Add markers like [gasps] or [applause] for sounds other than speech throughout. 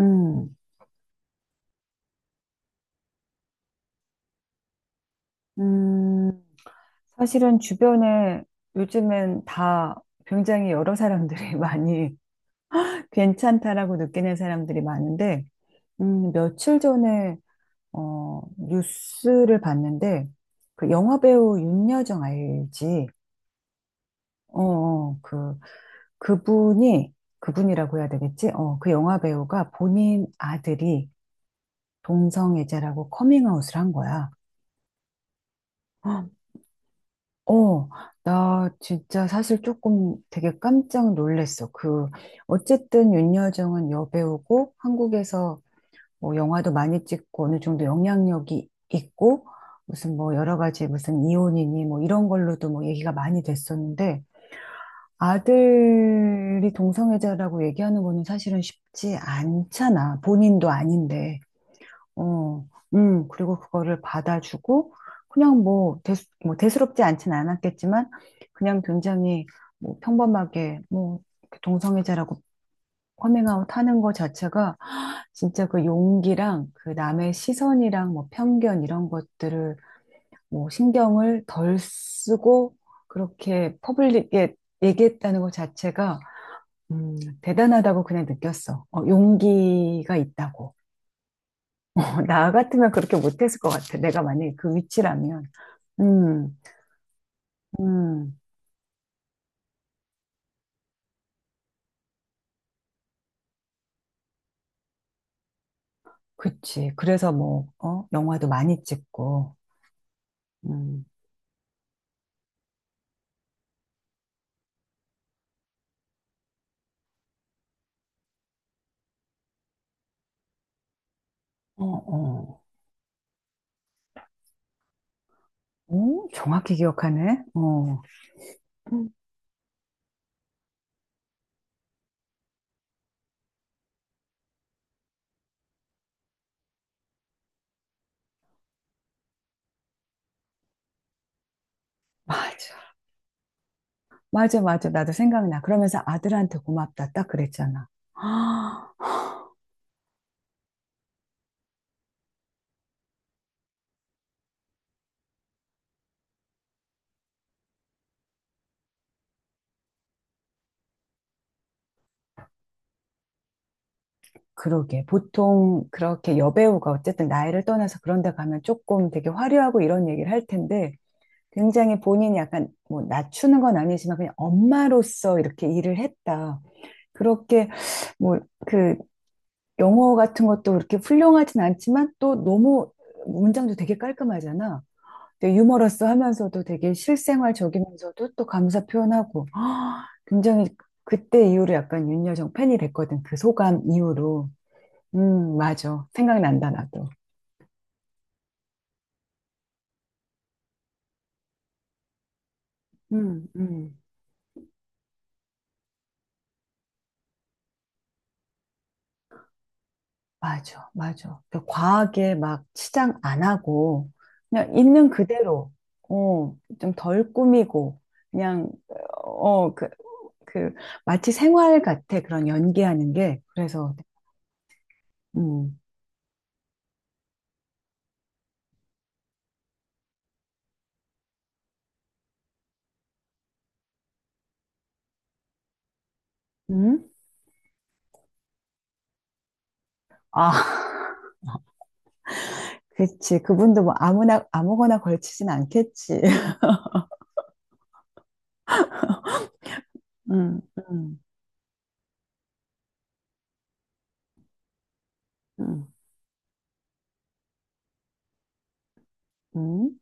음, 음, 사실은 주변에 요즘엔 다 굉장히 여러 사람들이 [laughs] 많이 괜찮다라고 느끼는 사람들이 많은데, 며칠 전에, 뉴스를 봤는데, 그 영화배우 윤여정 알지? 어, 어, 그, 그분이, 그분이라고 해야 되겠지? 그 영화배우가 본인 아들이 동성애자라고 커밍아웃을 한 거야. 어, 나 진짜 사실 조금 되게 깜짝 놀랐어. 어쨌든 윤여정은 여배우고 한국에서 뭐 영화도 많이 찍고 어느 정도 영향력이 있고 무슨 뭐 여러 가지 무슨 이혼이니 뭐 이런 걸로도 뭐 얘기가 많이 됐었는데 아들이 동성애자라고 얘기하는 거는 사실은 쉽지 않잖아. 본인도 아닌데. 어, 그리고 그거를 받아주고, 그냥 뭐, 대수롭지 않진 않았겠지만, 그냥 굉장히 뭐 평범하게, 뭐, 이렇게 동성애자라고 커밍아웃 하는 거 자체가, 진짜 그 용기랑 그 남의 시선이랑 뭐 편견 이런 것들을 뭐 신경을 덜 쓰고, 그렇게 퍼블릭에 얘기했다는 것 자체가, 음, 대단하다고 그냥 느꼈어. 용기가 있다고. 나 같으면 그렇게 못했을 것 같아. 내가 만약에 그 위치라면. 음, 음, 그치. 그래서 뭐, 영화도 많이 찍고, 음, 어, 어, 오, 정확히 기억하네. 어, 음, 맞아. 맞아, 맞아. 나도 생각나. 그러면서 아들한테 고맙다. 딱 그랬잖아. [gasps] 아, 그러게. 보통 그렇게 여배우가 어쨌든 나이를 떠나서 그런 데 가면 조금 되게 화려하고 이런 얘기를 할 텐데, 굉장히 본인이 약간 뭐 낮추는 건 아니지만 그냥 엄마로서 이렇게 일을 했다. 그렇게 뭐 그 영어 같은 것도 그렇게 훌륭하진 않지만 또 너무 문장도 되게 깔끔하잖아. 근데 유머러스 하면서도 되게 실생활적이면서도 또 감사 표현하고. [gasps] 아, 굉장히 그때 이후로 약간 윤여정 팬이 됐거든. 그 소감 이후로. 맞아. 생각난다, 나도. 음, 음. 맞아, 맞아. 그 과하게 막 치장 안 하고, 그냥 있는 그대로, 좀 덜 꾸미고, 그냥, 어, 어, 그, 그, 마치 생활 같아, 그런 연기하는 게. 그래서, 음, 음? 아, [laughs] 그치. 그분도 뭐 아무나, 아무거나 걸치진 않겠지. [laughs] 음, 음, 음, 음,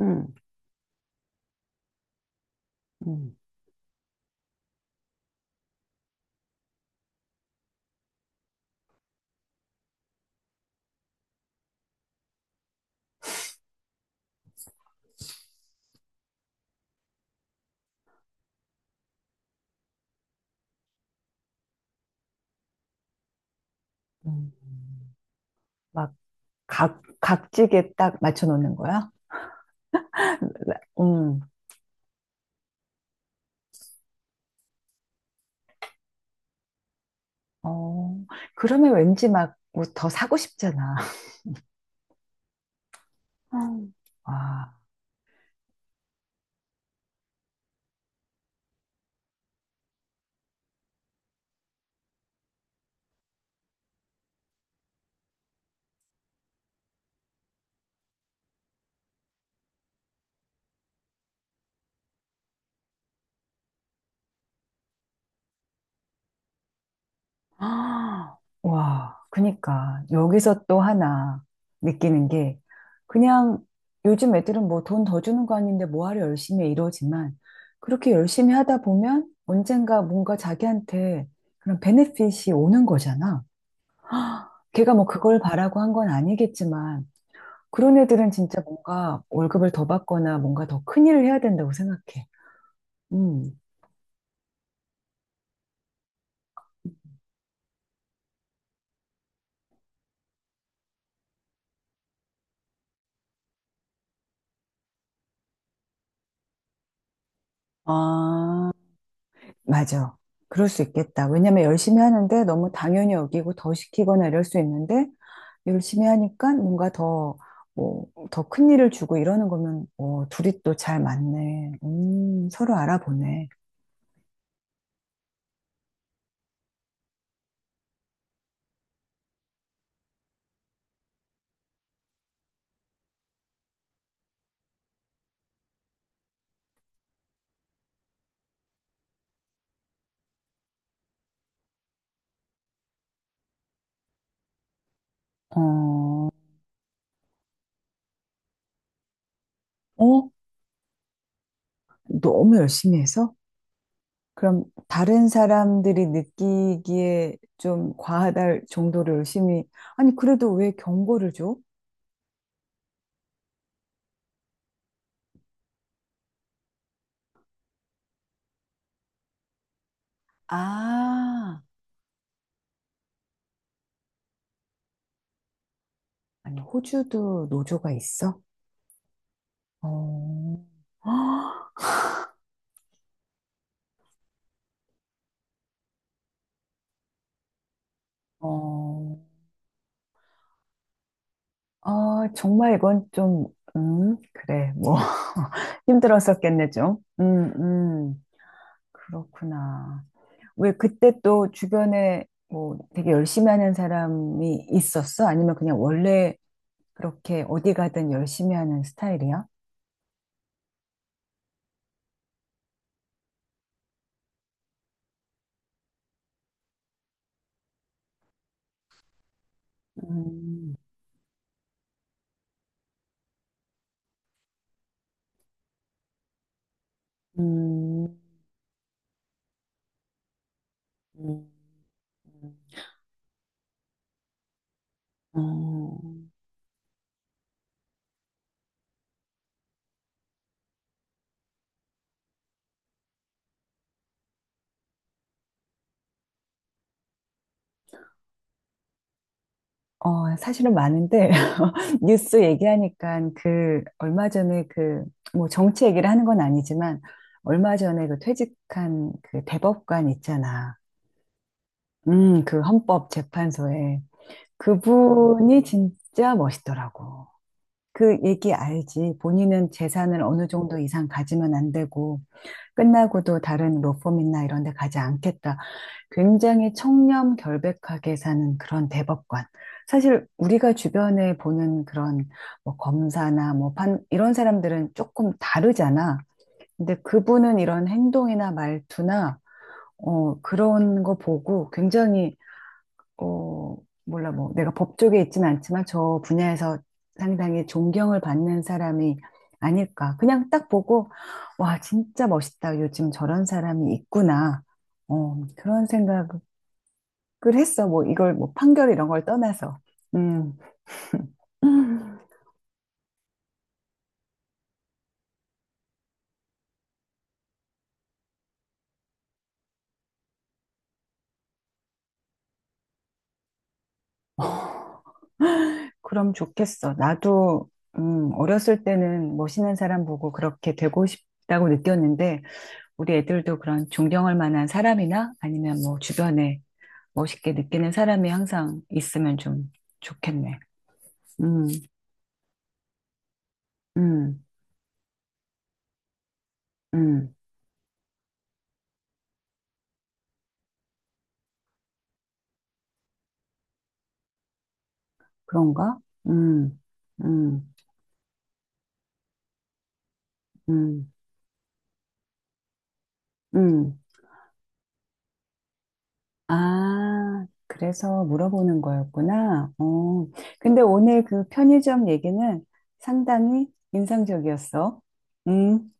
음, 음, 음. 막 각지게 딱 맞춰놓는 거야? 음. 어, 그러면 왠지 막 뭐 더 사고 싶잖아. [laughs] 음. 와, [gasps] 아, 와, 그니까 여기서 또 하나 느끼는 게 그냥 요즘 애들은 뭐 돈 더 주는 거 아닌데 뭐하러 열심히 해 이러지만 그렇게 열심히 하다 보면 언젠가 뭔가 자기한테 그런 베네핏이 오는 거잖아. 걔가 뭐 그걸 바라고 한 건 아니겠지만 그런 애들은 진짜 뭔가 월급을 더 받거나 뭔가 더 큰 일을 해야 된다고 생각해. 음. 아, 맞아. 그럴 수 있겠다. 왜냐면 열심히 하는데 너무 당연히 여기고 더 시키거나 이럴 수 있는데 열심히 하니까 뭔가 더, 뭐, 더 큰 일을 주고 이러는 거면, 둘이 또 잘 맞네. 서로 알아보네. 어, 어? 너무 열심히 해서? 그럼 다른 사람들이 느끼기에 좀 과하다 정도로 열심히, 아니, 그래도 왜 경고를 줘? 아, 아니, 호주도 노조가 있어? 어, 헉, 어, 아, 정말 이건 좀, 그래, 뭐, [laughs] 힘들었었겠네, 좀. 음, 그렇구나. 왜 그때 또 주변에 뭐 되게 열심히 하는 사람이 있었어? 아니면 그냥 원래 그렇게 어디 가든 열심히 하는 스타일이야? 음, 음, 음, 음, 어. 사실은 많은데, [laughs] 뉴스 얘기하니까 얼마 전에 뭐 정치 얘기를 하는 건 아니지만, 얼마 전에 그 퇴직한 그 대법관 있잖아. 그 헌법재판소에. 그분이 진짜 멋있더라고. 그 얘기 알지. 본인은 재산을 어느 정도 이상 가지면 안 되고, 끝나고도 다른 로펌이나 이런 데 가지 않겠다. 굉장히 청렴 결백하게 사는 그런 대법관. 사실 우리가 주변에 보는 그런 뭐 검사나 뭐 판, 이런 사람들은 조금 다르잖아. 근데 그분은 이런 행동이나 말투나, 그런 거 보고 굉장히, 어, 몰라, 뭐 내가 법 쪽에 있진 않지만 저 분야에서 상당히 존경을 받는 사람이 아닐까. 그냥 딱 보고, 와, 진짜 멋있다. 요즘 저런 사람이 있구나. 그런 생각을 그랬어. 뭐 이걸 뭐 판결 이런 걸 떠나서. 음. [laughs] 음, 그럼 좋겠어. 나도 어렸을 때는 멋있는 사람 보고 그렇게 되고 싶다고 느꼈는데 우리 애들도 그런 존경할 만한 사람이나 아니면 뭐 주변에 멋있게 느끼는 사람이 항상 있으면 좀 좋겠네. 음, 음, 음. 그런가? 음, 음, 음, 음. 아, 그래서 물어보는 거였구나. 어, 근데 오늘 그 편의점 얘기는 상당히 인상적이었어. 음.